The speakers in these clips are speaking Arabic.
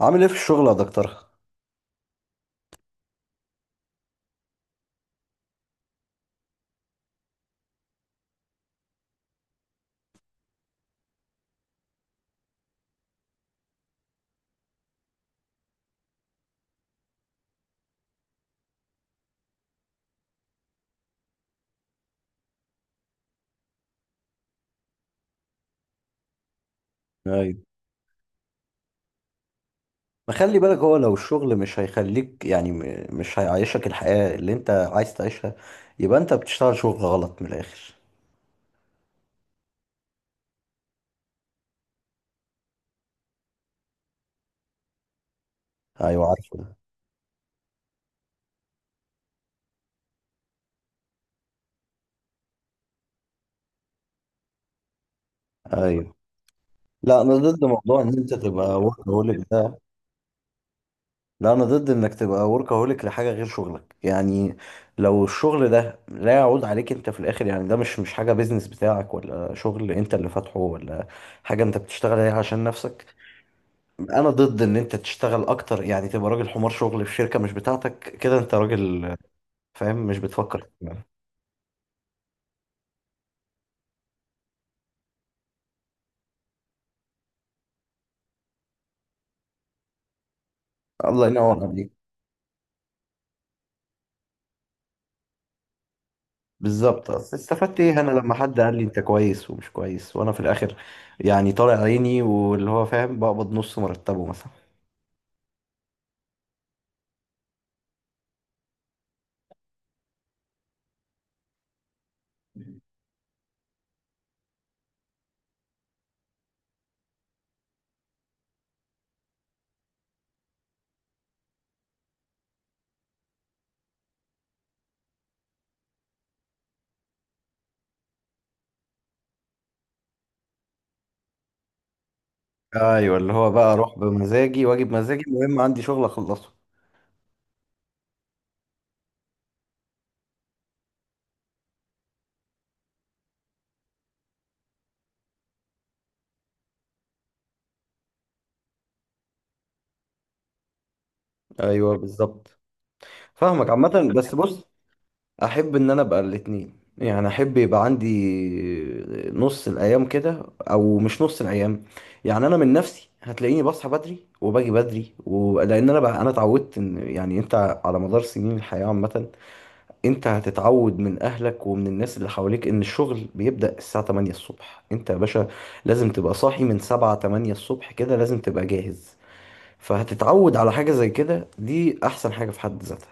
عامل ايه في الشغل يا دكتور؟ ايوه. ما خلي بالك، هو لو الشغل مش هيخليك، يعني مش هيعيشك الحياة اللي انت عايز تعيشها، يبقى انت بتشتغل شغل غلط من الاخر. ايوه، عارفه ده. ايوه، لا انا ضد موضوع ان انت تبقى وركهوليك ده. لا انا ضد انك تبقى وركهوليك لحاجة غير شغلك يعني. لو الشغل ده لا يعود عليك انت في الاخر، يعني ده مش حاجة بيزنس بتاعك، ولا شغل انت اللي فاتحه، ولا حاجة انت بتشتغل عليها عشان نفسك. انا ضد ان انت تشتغل اكتر، يعني تبقى راجل حمار شغل في شركه مش بتاعتك، كده انت راجل فاهم مش بتفكر. الله ينور عليك. بالظبط، أصل استفدت ايه انا لما حد قال لي انت كويس ومش كويس، وانا في الاخر يعني طالع عيني، واللي هو فاهم بقبض نص مرتبه مثلا. ايوه، اللي هو بقى اروح بمزاجي واجي بمزاجي، المهم عندي شغل اخلصه. ايوه بالظبط، فاهمك عامه، بس بص. احب ان انا ابقى الاتنين، يعني احب يبقى عندي نص الايام كده، او مش نص الايام. يعني انا من نفسي هتلاقيني بصحى بدري وباجي بدري، لان انا بقى انا اتعودت ان، يعني انت على مدار سنين الحياة عامة، انت هتتعود من اهلك ومن الناس اللي حواليك ان الشغل بيبدأ الساعة 8 الصبح. انت يا باشا لازم تبقى صاحي من 7 8 الصبح كده، لازم تبقى جاهز. فهتتعود على حاجة زي كده، دي احسن حاجة في حد ذاتها.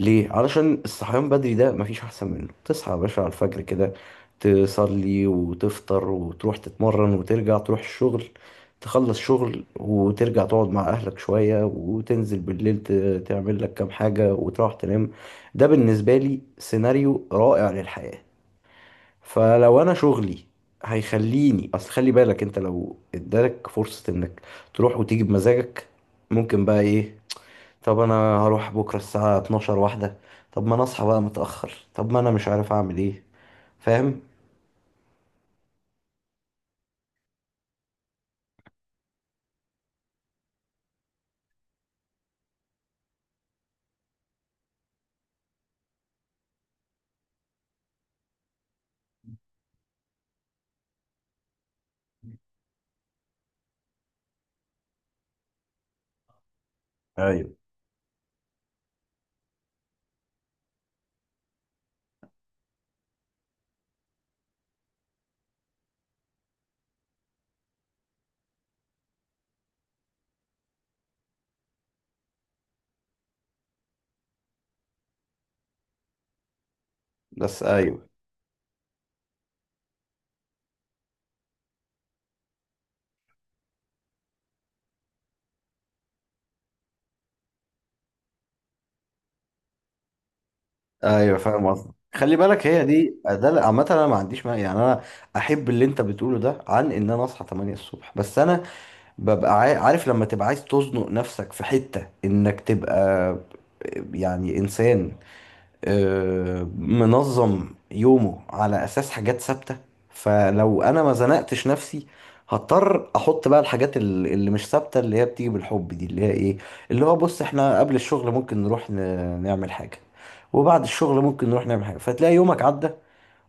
ليه؟ علشان الصحيان بدري ده مفيش أحسن منه. تصحى يا باشا على الفجر كده، تصلي وتفطر وتروح تتمرن، وترجع تروح الشغل، تخلص شغل وترجع تقعد مع أهلك شوية، وتنزل بالليل تعمل لك كام حاجة وتروح تنام. ده بالنسبة لي سيناريو رائع للحياة. فلو أنا شغلي هيخليني، أصل خلي بالك أنت لو ادالك فرصة إنك تروح وتيجي بمزاجك، ممكن بقى إيه؟ طب انا هروح بكره الساعه 12 واحده. طب ما انا اصحى بقى متاخر، طب ما انا مش عارف اعمل ايه، فاهم؟ ايوه. بس ايوه. ايوه فاهم قصدي، خلي بالك هي دي، ده عامه انا ما عنديش مانع يعني. انا احب اللي انت بتقوله ده، عن ان انا اصحى 8 الصبح، بس انا ببقى عارف لما تبقى عايز تزنق نفسك في حته، انك تبقى يعني انسان منظم يومه على اساس حاجات ثابته. فلو انا ما زنقتش نفسي، هضطر احط بقى الحاجات اللي مش ثابته، اللي هي بتيجي بالحب دي، اللي هي ايه، اللي هو بص احنا قبل الشغل ممكن نروح نعمل حاجه. وبعد الشغل ممكن نروح نعمل حاجه، فتلاقي يومك عدى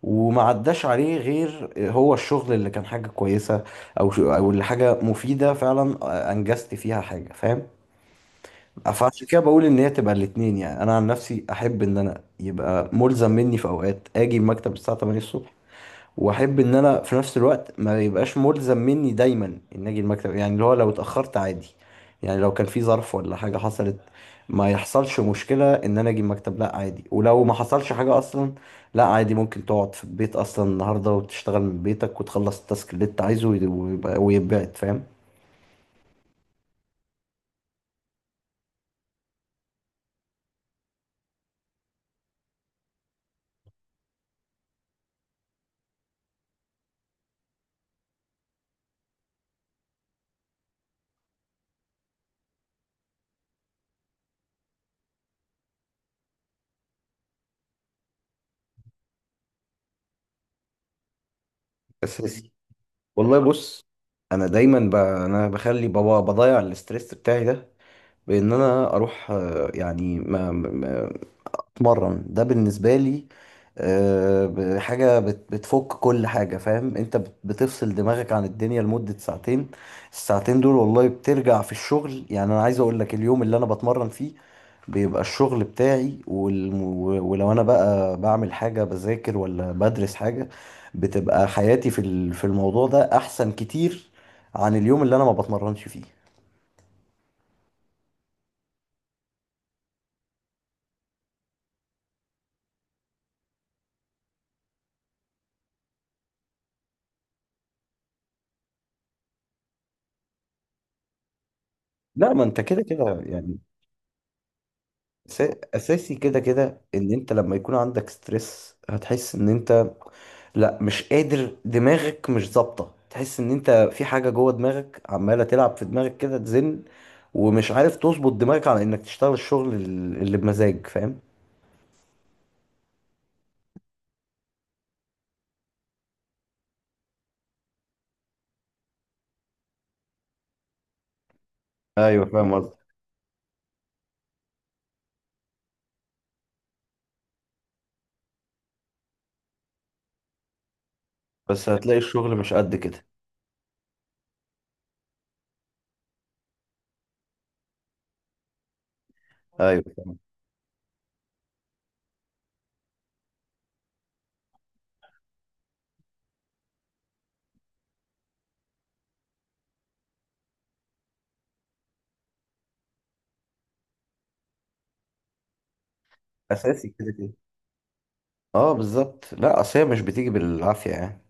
وما عداش عليه غير هو الشغل اللي كان حاجه كويسه، او او اللي حاجه مفيده فعلا انجزت فيها حاجه، فاهم؟ فعشان كده بقول ان هي تبقى الاتنين، يعني انا عن نفسي احب ان انا يبقى ملزم مني في اوقات اجي المكتب الساعه 8 الصبح، واحب ان انا في نفس الوقت ما يبقاش ملزم مني دايما ان اجي المكتب. يعني اللي هو لو اتاخرت عادي، يعني لو كان في ظرف ولا حاجه حصلت، ما يحصلش مشكله ان انا اجي المكتب، لا عادي. ولو ما حصلش حاجه اصلا لا عادي، ممكن تقعد في البيت اصلا النهارده وتشتغل من بيتك وتخلص التاسك اللي انت عايزه ويبقى ويتبعت، فاهم؟ اساسي. والله بص، انا بخلي بابا بضيع الاستريس بتاعي ده، بان انا اروح، يعني ما... ما... اتمرن. ده بالنسبه لي، حاجه بتفك كل حاجه، فاهم انت بتفصل دماغك عن الدنيا لمده ساعتين. الساعتين دول والله بترجع في الشغل، يعني انا عايز اقول لك اليوم اللي انا بتمرن فيه بيبقى الشغل بتاعي، ولو انا بقى بعمل حاجة بذاكر ولا بدرس حاجة، بتبقى حياتي في الموضوع ده احسن كتير عن اليوم اللي انا ما بتمرنش فيه. لا ما انت كده كده يعني. اساسي كده كده ان انت لما يكون عندك ستريس، هتحس ان انت لا مش قادر، دماغك مش ظابطة، تحس ان انت في حاجة جوه دماغك عمالة تلعب في دماغك كده تزن، ومش عارف تظبط دماغك على انك تشتغل الشغل اللي بمزاج، فاهم؟ ايوه فاهم قصدي. بس هتلاقي الشغل مش قد كده. ايوه فاهم. اساسي كده كده. اه بالظبط، لا اصل هي مش بتيجي بالعافيه يعني.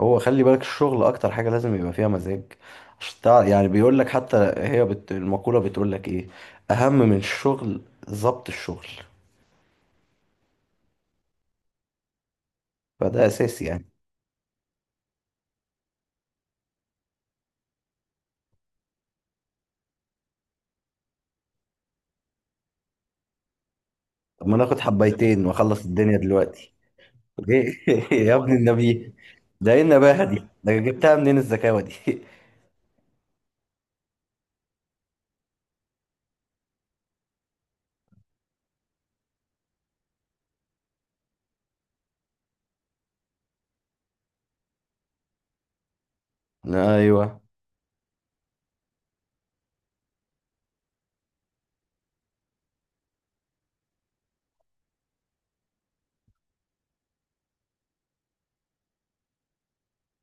هو خلي بالك الشغل اكتر حاجه لازم يبقى فيها مزاج، عشان يعني بيقول لك، حتى هي المقوله بتقول لك ايه اهم من الشغل؟ ضبط الشغل، فده اساسي يعني. طب ما ناخد حبايتين واخلص الدنيا دلوقتي، ليه؟ يا ابن النبي، ده ايه النباهه دي، ده جبتها منين الذكاوه دي؟ ايوه.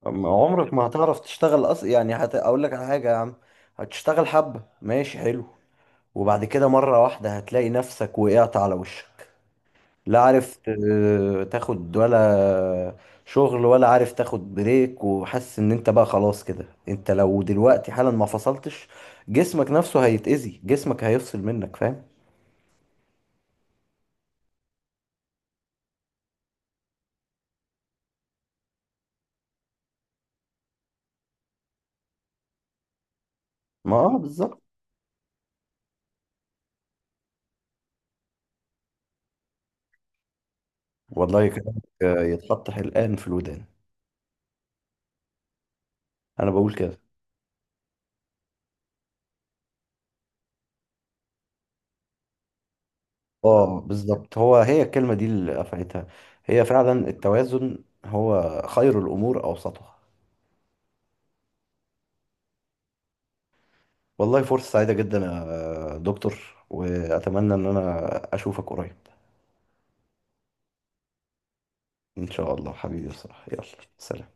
أما عمرك ما هتعرف تشتغل، يعني أقول لك على حاجة يا عم، هتشتغل حبة ماشي حلو، وبعد كده مرة واحدة هتلاقي نفسك وقعت على وشك، لا عارف تاخد ولا شغل، ولا عارف تاخد بريك، وحاسس ان انت بقى خلاص كده، انت لو دلوقتي حالا ما فصلتش، جسمك نفسه هيتأذي، جسمك هيفصل منك، فاهم؟ ما اه بالظبط. والله كلامك يتحط حلقان في الودان. انا بقول كده. اه بالظبط، هو هي الكلمة دي اللي قفلتها، هي فعلا التوازن، هو خير الأمور أوسطها. والله فرصة سعيدة جدا يا دكتور، وأتمنى إن أنا أشوفك قريب. إن شاء الله حبيبي، صح، يلا سلام.